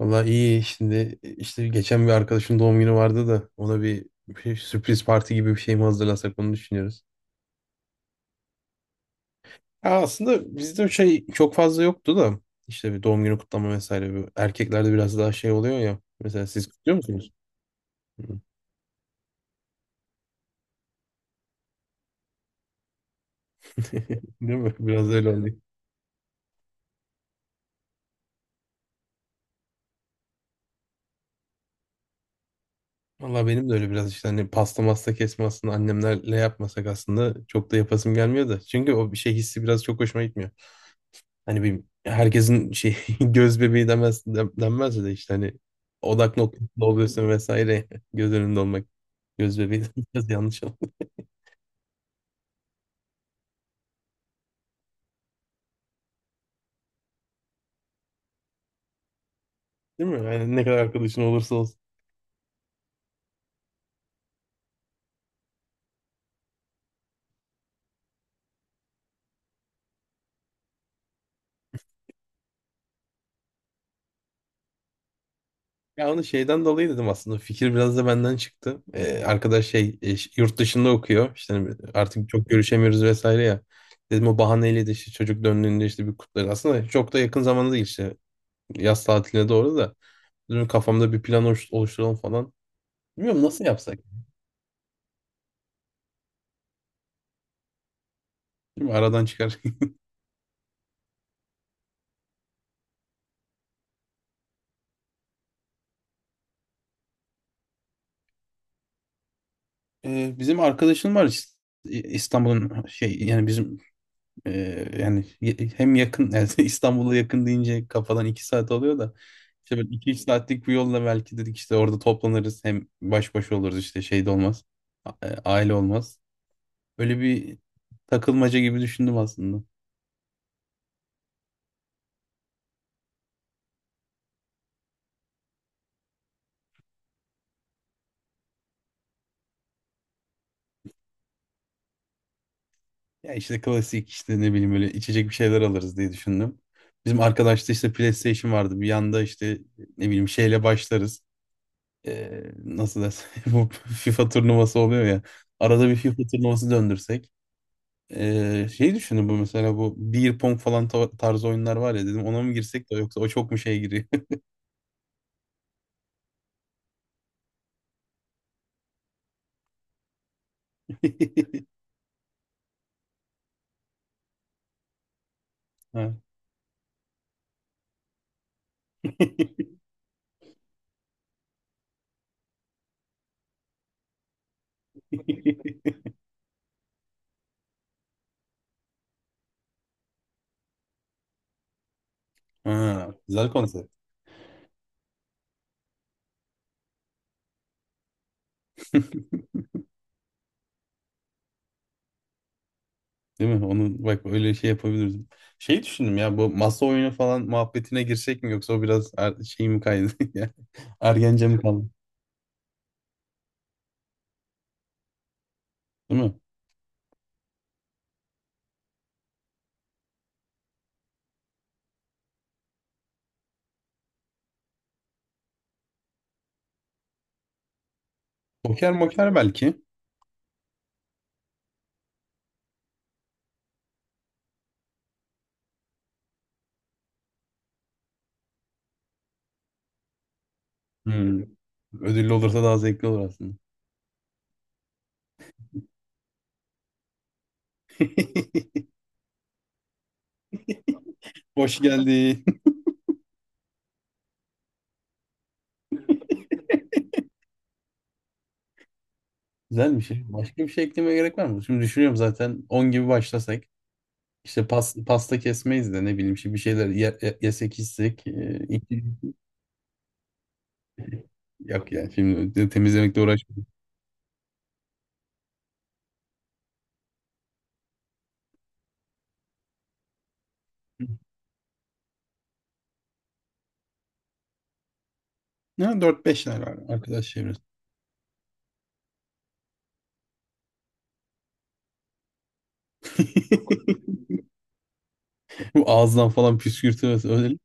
Vallahi iyi şimdi işte geçen bir arkadaşın doğum günü vardı da ona bir sürpriz parti gibi bir şey mi hazırlasak onu düşünüyoruz. Ya aslında bizde o şey çok fazla yoktu da işte bir doğum günü kutlama vesaire. Erkeklerde biraz daha şey oluyor ya. Mesela siz kutluyor musunuz? Hı. Değil mi? Biraz öyle oldu. Valla benim de öyle biraz işte hani pasta masta kesme aslında annemlerle yapmasak aslında çok da yapasım gelmiyor da. Çünkü o bir şey hissi biraz çok hoşuma gitmiyor. Hani bir herkesin şey göz bebeği demez, denmez de işte hani odak noktası oluyorsun vesaire göz önünde olmak. Göz bebeği de biraz yanlış oldu. Değil mi? Yani ne kadar arkadaşın olursa olsun. Ya onu şeyden dolayı dedim aslında. Fikir biraz da benden çıktı. Arkadaş şey yurt dışında okuyor. İşte hani artık çok görüşemiyoruz vesaire ya. Dedim o bahaneyle de işte çocuk döndüğünde işte bir kutlarız. Aslında çok da yakın zamanda değil işte. Yaz tatiline doğru da. Dedim kafamda bir plan oluşturalım falan. Bilmiyorum nasıl yapsak? Değil mi? Aradan çıkar. Bizim arkadaşım var İstanbul'un şey yani bizim e, yani hem yakın yani İstanbul'a yakın deyince kafadan 2 saat oluyor da işte böyle 2-3 saatlik bir yolla belki dedik işte orada toplanırız hem baş başa oluruz işte şey de olmaz aile olmaz. Öyle bir takılmaca gibi düşündüm aslında. Ya işte klasik işte ne bileyim böyle içecek bir şeyler alırız diye düşündüm. Bizim arkadaşta işte PlayStation vardı. Bir yanda işte ne bileyim şeyle başlarız. Nasıl desem bu FIFA turnuvası oluyor ya. Arada bir FIFA turnuvası döndürsek. Şey düşündüm bu mesela bu beer pong falan tarzı oyunlar var ya dedim ona mı girsek de yoksa o çok mu şeye giriyor? Ha. Ha, güzel konsept. Değil mi? Onu bak öyle şey yapabiliriz. Şey düşündüm ya bu masa oyunu falan muhabbetine girsek mi yoksa o biraz şey mi kaydı ya? Ergence mi kaldı? Değil mi? Poker moker belki. Hmm. Ödüllü olursa daha zevkli olur aslında. Hoş geldin. Güzel bir şey. Başka bir şey eklemeye gerek var mı? Şimdi düşünüyorum zaten 10 gibi başlasak. İşte pas, pasta kesmeyiz de ne bileyim işte bir şeyler yesek içsek. Yok yani şimdi temizlemekle uğraşmayalım. Ne dört beşler var arkadaş çevresi. Bu ağızdan falan püskürtmesi öyle.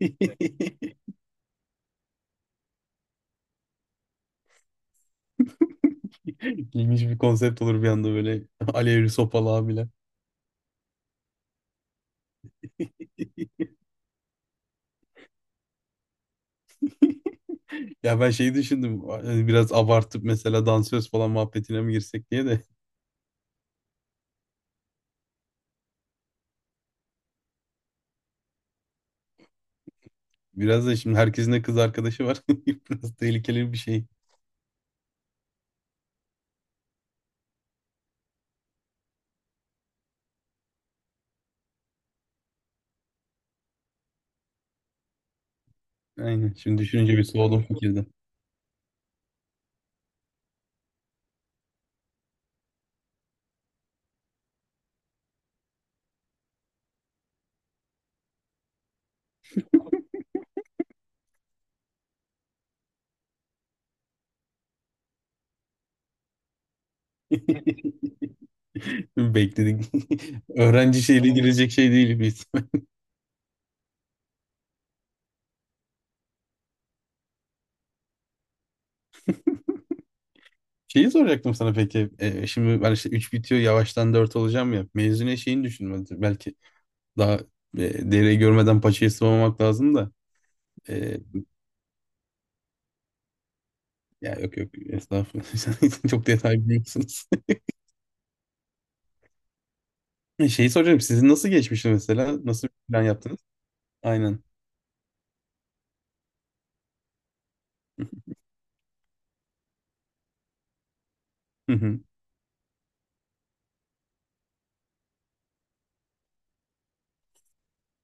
İlginç bir konsept olur bir anda böyle alevli sopalı abiler. Ya ben şeyi düşündüm hani biraz abartıp mesela dansöz falan muhabbetine mi girsek diye de. Biraz da şimdi herkesin de kız arkadaşı var. Biraz tehlikeli bir şey. Aynen. Şimdi düşününce bir soğudum fikirden. Bekledik. Öğrenci şeyle girecek şey değil biz. Şeyi soracaktım sana peki. Şimdi ben işte 3 bitiyor yavaştan 4 olacağım ya. Mezune şeyini düşünmedim. Belki daha dereyi görmeden paçayı sıvamamak lazım da. Ee, ya yok yok estağfurullah. Sen çok detay biliyorsunuz. Şeyi soracağım. Sizin nasıl geçmişti mesela? Nasıl bir plan yaptınız? Aynen.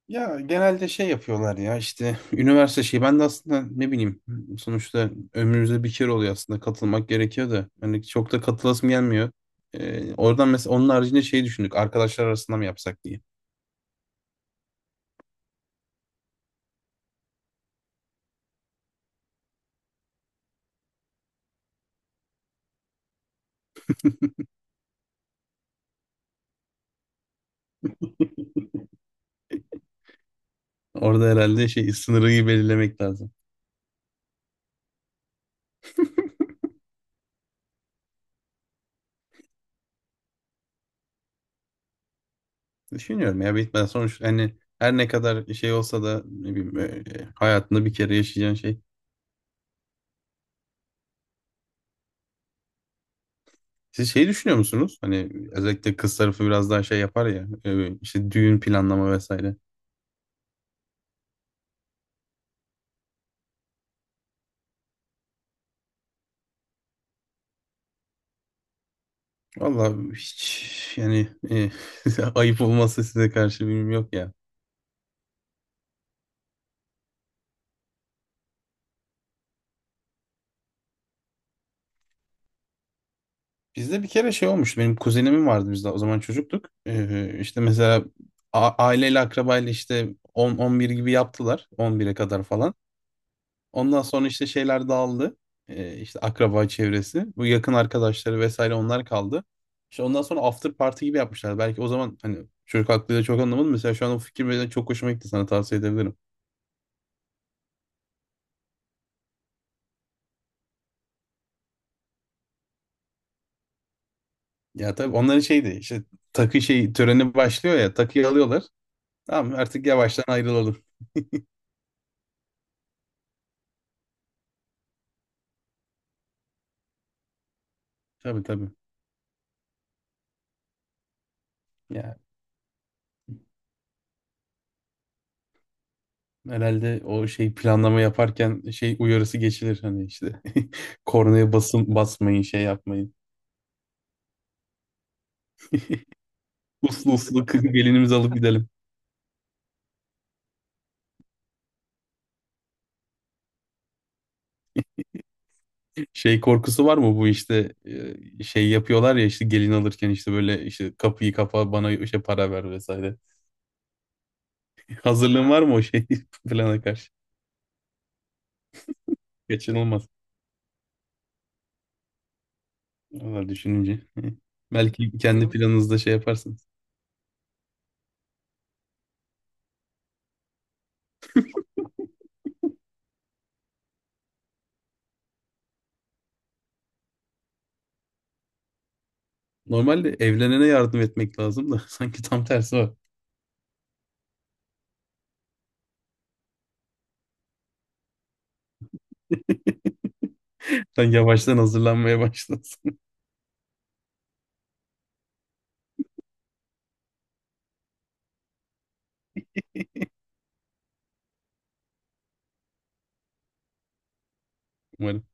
Ya genelde şey yapıyorlar ya işte üniversite şeyi ben de aslında ne bileyim sonuçta ömrümüzde bir kere oluyor aslında katılmak gerekiyor da hani çok da katılasım gelmiyor. Oradan mesela onun haricinde şey düşündük arkadaşlar arasında mı yapsak diye. Orada herhalde şey sınırı iyi belirlemek lazım. Düşünüyorum ya bitmeden sonuç hani her ne kadar şey olsa da ne bileyim hayatında bir kere yaşayacağın şey. Siz şey düşünüyor musunuz? Hani özellikle kız tarafı biraz daha şey yapar ya işte düğün planlama vesaire. Vallahi hiç yani ayıp olmazsa size karşı birim yok ya. Bizde bir kere şey olmuştu. Benim kuzenimin vardı bizde o zaman çocuktuk. İşte mesela aileyle akrabayla işte 10-11 gibi yaptılar. 11'e kadar falan. Ondan sonra işte şeyler dağıldı. İşte akraba çevresi. Bu yakın arkadaşları vesaire onlar kaldı. İşte ondan sonra after party gibi yapmışlar. Belki o zaman hani çocuk aklıyla çok anlamadım. Mesela şu an o fikir benim çok hoşuma gitti. Sana tavsiye edebilirim. Ya tabii onların şeydi işte takı şey töreni başlıyor ya takıyı alıyorlar. Tamam artık yavaştan ayrılalım. Tabii tabii. Ya herhalde o şey planlama yaparken şey uyarısı geçilir hani işte kornaya basın basmayın şey yapmayın. Uslu uslu kız gelinimizi alıp gidelim. Şey korkusu var mı bu işte şey yapıyorlar ya işte gelin alırken işte böyle işte kapıyı kapa bana işte para ver vesaire. Hazırlığın var mı o şey plana karşı? Kaçınılmaz. Valla düşününce. Belki kendi planınızda şey yaparsınız. Normalde evlenene yardım etmek lazım da sanki tam tersi var. Sen yavaştan hazırlanmaya başlasın umarım.